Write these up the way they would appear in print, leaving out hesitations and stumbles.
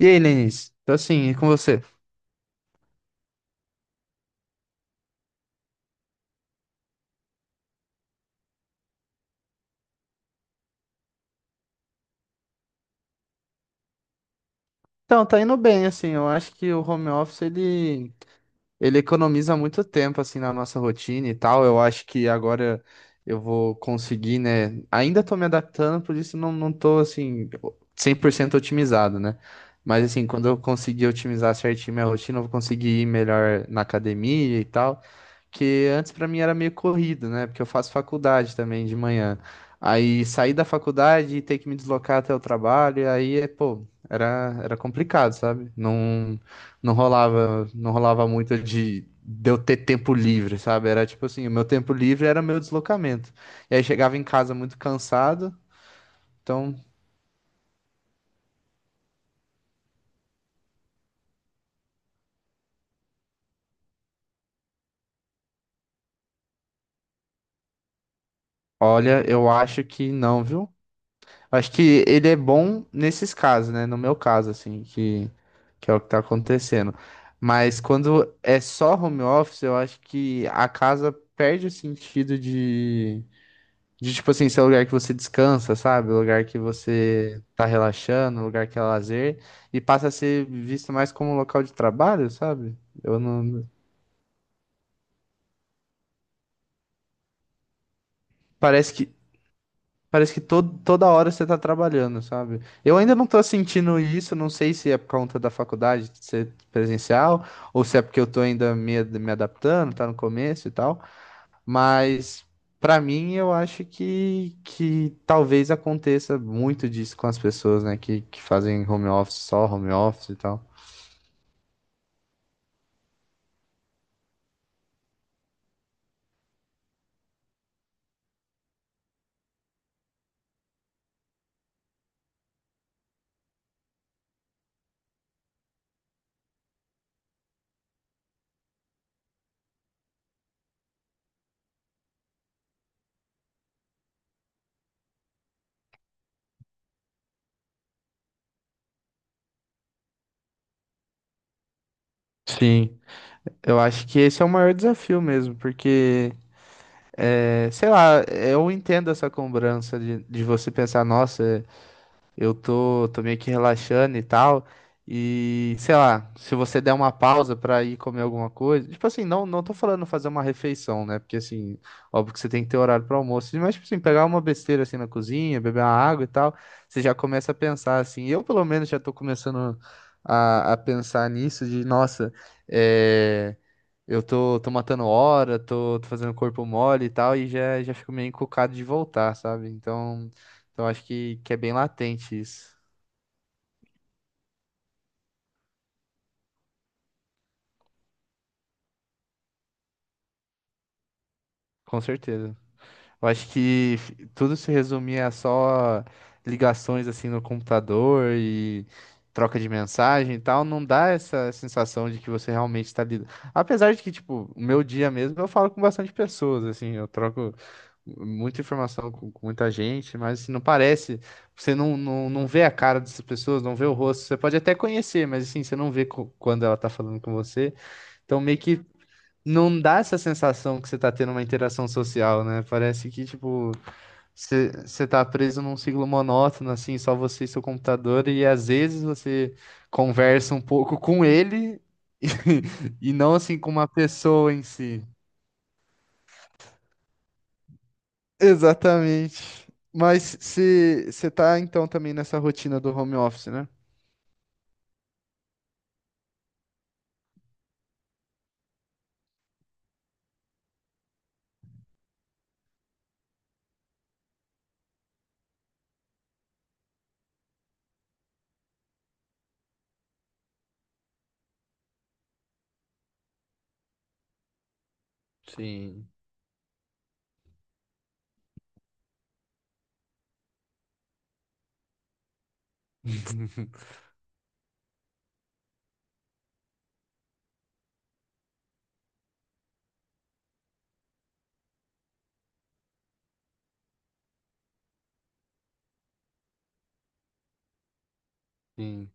E aí, Lenice? Tô assim, e com você? Então, tá indo bem, assim, eu acho que o home office, ele economiza muito tempo, assim, na nossa rotina e tal, eu acho que agora eu vou conseguir, né, ainda tô me adaptando, por isso não tô, assim, 100% otimizado, né, mas, assim, quando eu conseguir otimizar certinho minha rotina, eu vou conseguir ir melhor na academia e tal, que antes pra mim era meio corrido, né? Porque eu faço faculdade também de manhã. Aí sair da faculdade e ter que me deslocar até o trabalho, aí é, pô, era complicado, sabe? Não, não rolava, não rolava muito de eu ter tempo livre, sabe? Era tipo assim, o meu tempo livre era meu deslocamento. E aí chegava em casa muito cansado, então, olha, eu acho que não, viu? Acho que ele é bom nesses casos, né? No meu caso, assim, que é o que tá acontecendo. Mas quando é só home office, eu acho que a casa perde o sentido de tipo assim, ser o lugar que você descansa, sabe? O lugar que você tá relaxando, o lugar que é lazer, e passa a ser visto mais como um local de trabalho, sabe? Eu não. Parece que Parece que todo, toda hora você tá trabalhando, sabe? Eu ainda não tô sentindo isso, não sei se é por conta da faculdade de ser presencial, ou se é porque eu tô ainda me adaptando, tá no começo e tal, mas pra mim eu acho que talvez aconteça muito disso com as pessoas, né, que fazem home office, só home office e tal. Sim, eu acho que esse é o maior desafio mesmo, porque, é, sei lá, eu entendo essa cobrança de você pensar, nossa. Eu tô, tô meio que relaxando e tal. E, sei lá, se você der uma pausa pra ir comer alguma coisa. Tipo assim, não, não tô falando fazer uma refeição, né? Porque, assim, óbvio que você tem que ter horário para almoço. Mas, tipo assim, pegar uma besteira assim na cozinha, beber uma água e tal. Você já começa a pensar, assim. Eu, pelo menos, já tô começando a pensar nisso, de, nossa, é. Eu tô, tô matando hora, tô, tô fazendo corpo mole e tal, e já, já fico meio encucado de voltar, sabe? Então acho que é bem latente isso, com certeza. Eu acho que tudo se resumia a só ligações assim no computador e troca de mensagem e tal, não dá essa sensação de que você realmente está lidando. Apesar de que, tipo, o meu dia mesmo eu falo com bastante pessoas, assim, eu troco muita informação com muita gente, mas assim, não parece, você não, não, não vê a cara dessas pessoas, não vê o rosto, você pode até conhecer, mas assim, você não vê quando ela tá falando com você, então meio que não dá essa sensação que você tá tendo uma interação social, né? Parece que, tipo, você tá preso num ciclo monótono, assim, só você e seu computador, e às vezes você conversa um pouco com ele e não, assim, com uma pessoa em si. Exatamente. Mas se você tá, então, também nessa rotina do home office, né? Sim. Sim,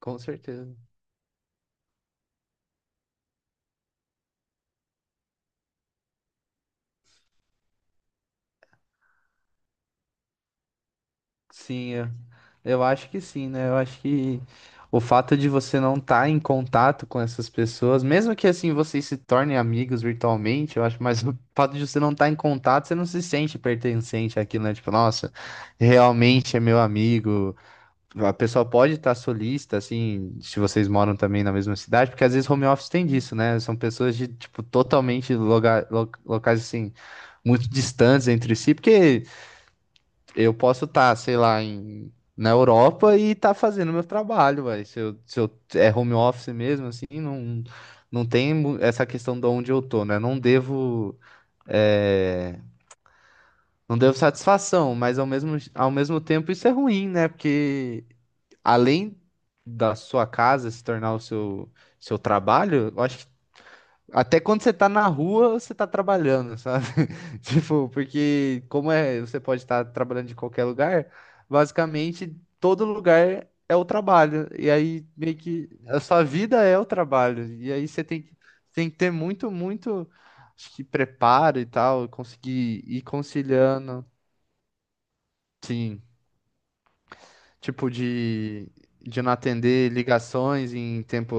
com certeza. Sim, eu acho que sim, né? Eu acho que o fato de você não estar em contato com essas pessoas, mesmo que assim vocês se tornem amigos virtualmente, eu acho, mas o fato de você não estar em contato, você não se sente pertencente àquilo, né? Tipo, nossa, realmente é meu amigo. A pessoa pode estar solista, assim, se vocês moram também na mesma cidade, porque às vezes home office tem disso, né? São pessoas de, tipo, totalmente locais assim muito distantes entre si, porque eu posso estar, sei lá, em, na Europa e estar fazendo meu trabalho, vai. Se eu é home office mesmo, assim, não, não tem essa questão de onde eu tô, né? Não devo, é, não devo satisfação, mas ao mesmo tempo isso é ruim, né? Porque além da sua casa se tornar seu trabalho, eu acho que até quando você tá na rua, você tá trabalhando, sabe? Tipo, porque como é, você pode estar trabalhando de qualquer lugar, basicamente todo lugar é o trabalho. E aí meio que a sua vida é o trabalho. E aí você tem que ter muito, acho que preparo e tal, conseguir ir conciliando, sim, tipo de não atender ligações em tempo.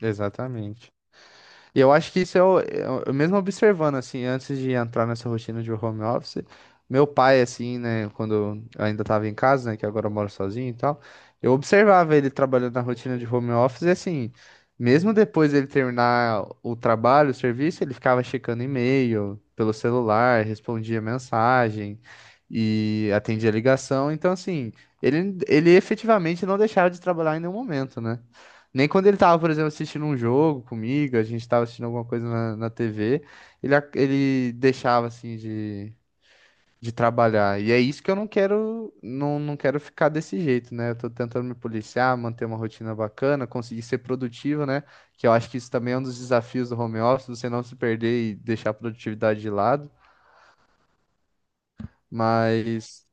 Exatamente. E eu acho que isso é o eu mesmo observando, assim, antes de entrar nessa rotina de home office, meu pai, assim, né, quando eu ainda tava em casa, né, que agora eu moro sozinho e tal, eu observava ele trabalhando na rotina de home office e, assim, mesmo depois dele terminar o trabalho, o serviço, ele ficava checando e-mail pelo celular, respondia mensagem e atendia ligação. Então, assim, ele efetivamente não deixava de trabalhar em nenhum momento, né? Nem quando ele tava, por exemplo, assistindo um jogo comigo, a gente tava assistindo alguma coisa na TV, ele deixava assim de trabalhar. E é isso que eu não quero, não quero ficar desse jeito, né? Eu tô tentando me policiar, manter uma rotina bacana, conseguir ser produtivo, né? Que eu acho que isso também é um dos desafios do home office, você não se perder e deixar a produtividade de lado. Mas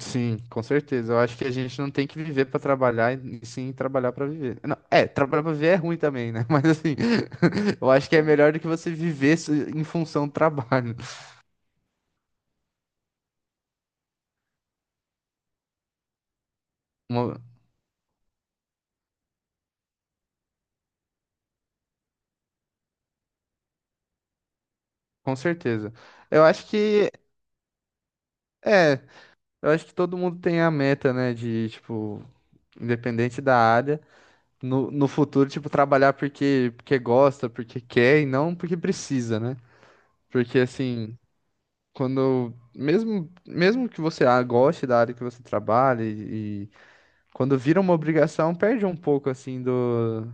Sim, com certeza. Eu acho que a gente não tem que viver pra trabalhar e sim trabalhar pra viver. Não, é, trabalhar pra viver é ruim também, né? Mas assim, eu acho que é melhor do que você viver em função do trabalho. Uma- Com certeza. Eu acho que é, eu acho que todo mundo tem a meta, né, de tipo, independente da área, no futuro, tipo, trabalhar porque gosta, porque quer e não porque precisa, né? Porque assim, quando mesmo que você ah, goste da área que você trabalha e quando vira uma obrigação, perde um pouco assim do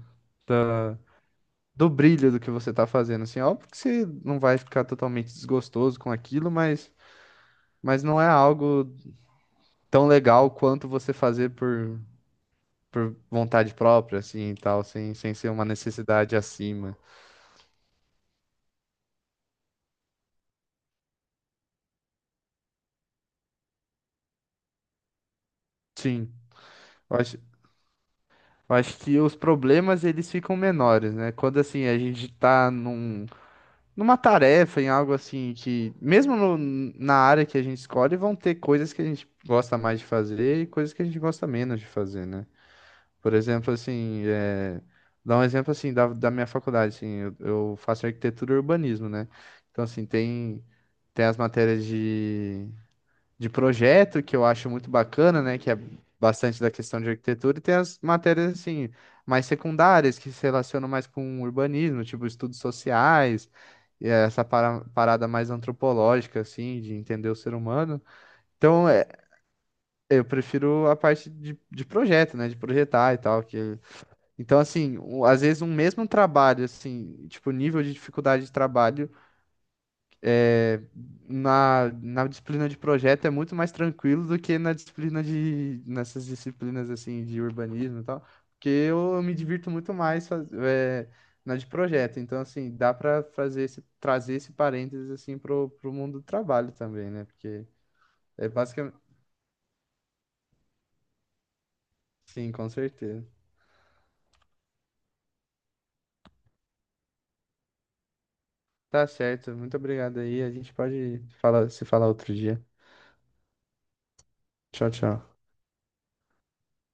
do brilho do que você tá fazendo assim. Óbvio que você não vai ficar totalmente desgostoso com aquilo, mas não é algo tão legal quanto você fazer por vontade própria assim e tal, sem ser uma necessidade acima. Sim. Eu acho, eu acho que os problemas eles ficam menores, né? Quando assim a gente tá numa tarefa, em algo assim que, mesmo no- na área que a gente escolhe, vão ter coisas que a gente gosta mais de fazer e coisas que a gente gosta menos de fazer, né? Por exemplo, assim, é, dar um exemplo assim da minha faculdade, assim, eu faço arquitetura e urbanismo, né? Então, assim, tem as matérias de projeto, que eu acho muito bacana, né? Que é bastante da questão de arquitetura, e tem as matérias assim, mais secundárias, que se relacionam mais com urbanismo, tipo estudos sociais, e essa parada mais antropológica, assim, de entender o ser humano. Então, é, eu prefiro a parte de projeto, né? De projetar e tal. Que... Então, assim, às vezes um mesmo trabalho, assim, tipo, nível de dificuldade de trabalho. É, na disciplina de projeto é muito mais tranquilo do que na disciplina de, nessas disciplinas assim de urbanismo e tal, porque eu me divirto muito mais na de projeto. Então, assim, dá para fazer esse, trazer esse parênteses assim pro mundo do trabalho também, né? Porque é basicamente. Sim, com certeza. Tá certo. Muito obrigado aí. A gente pode falar, se falar outro dia. Tchau, tchau.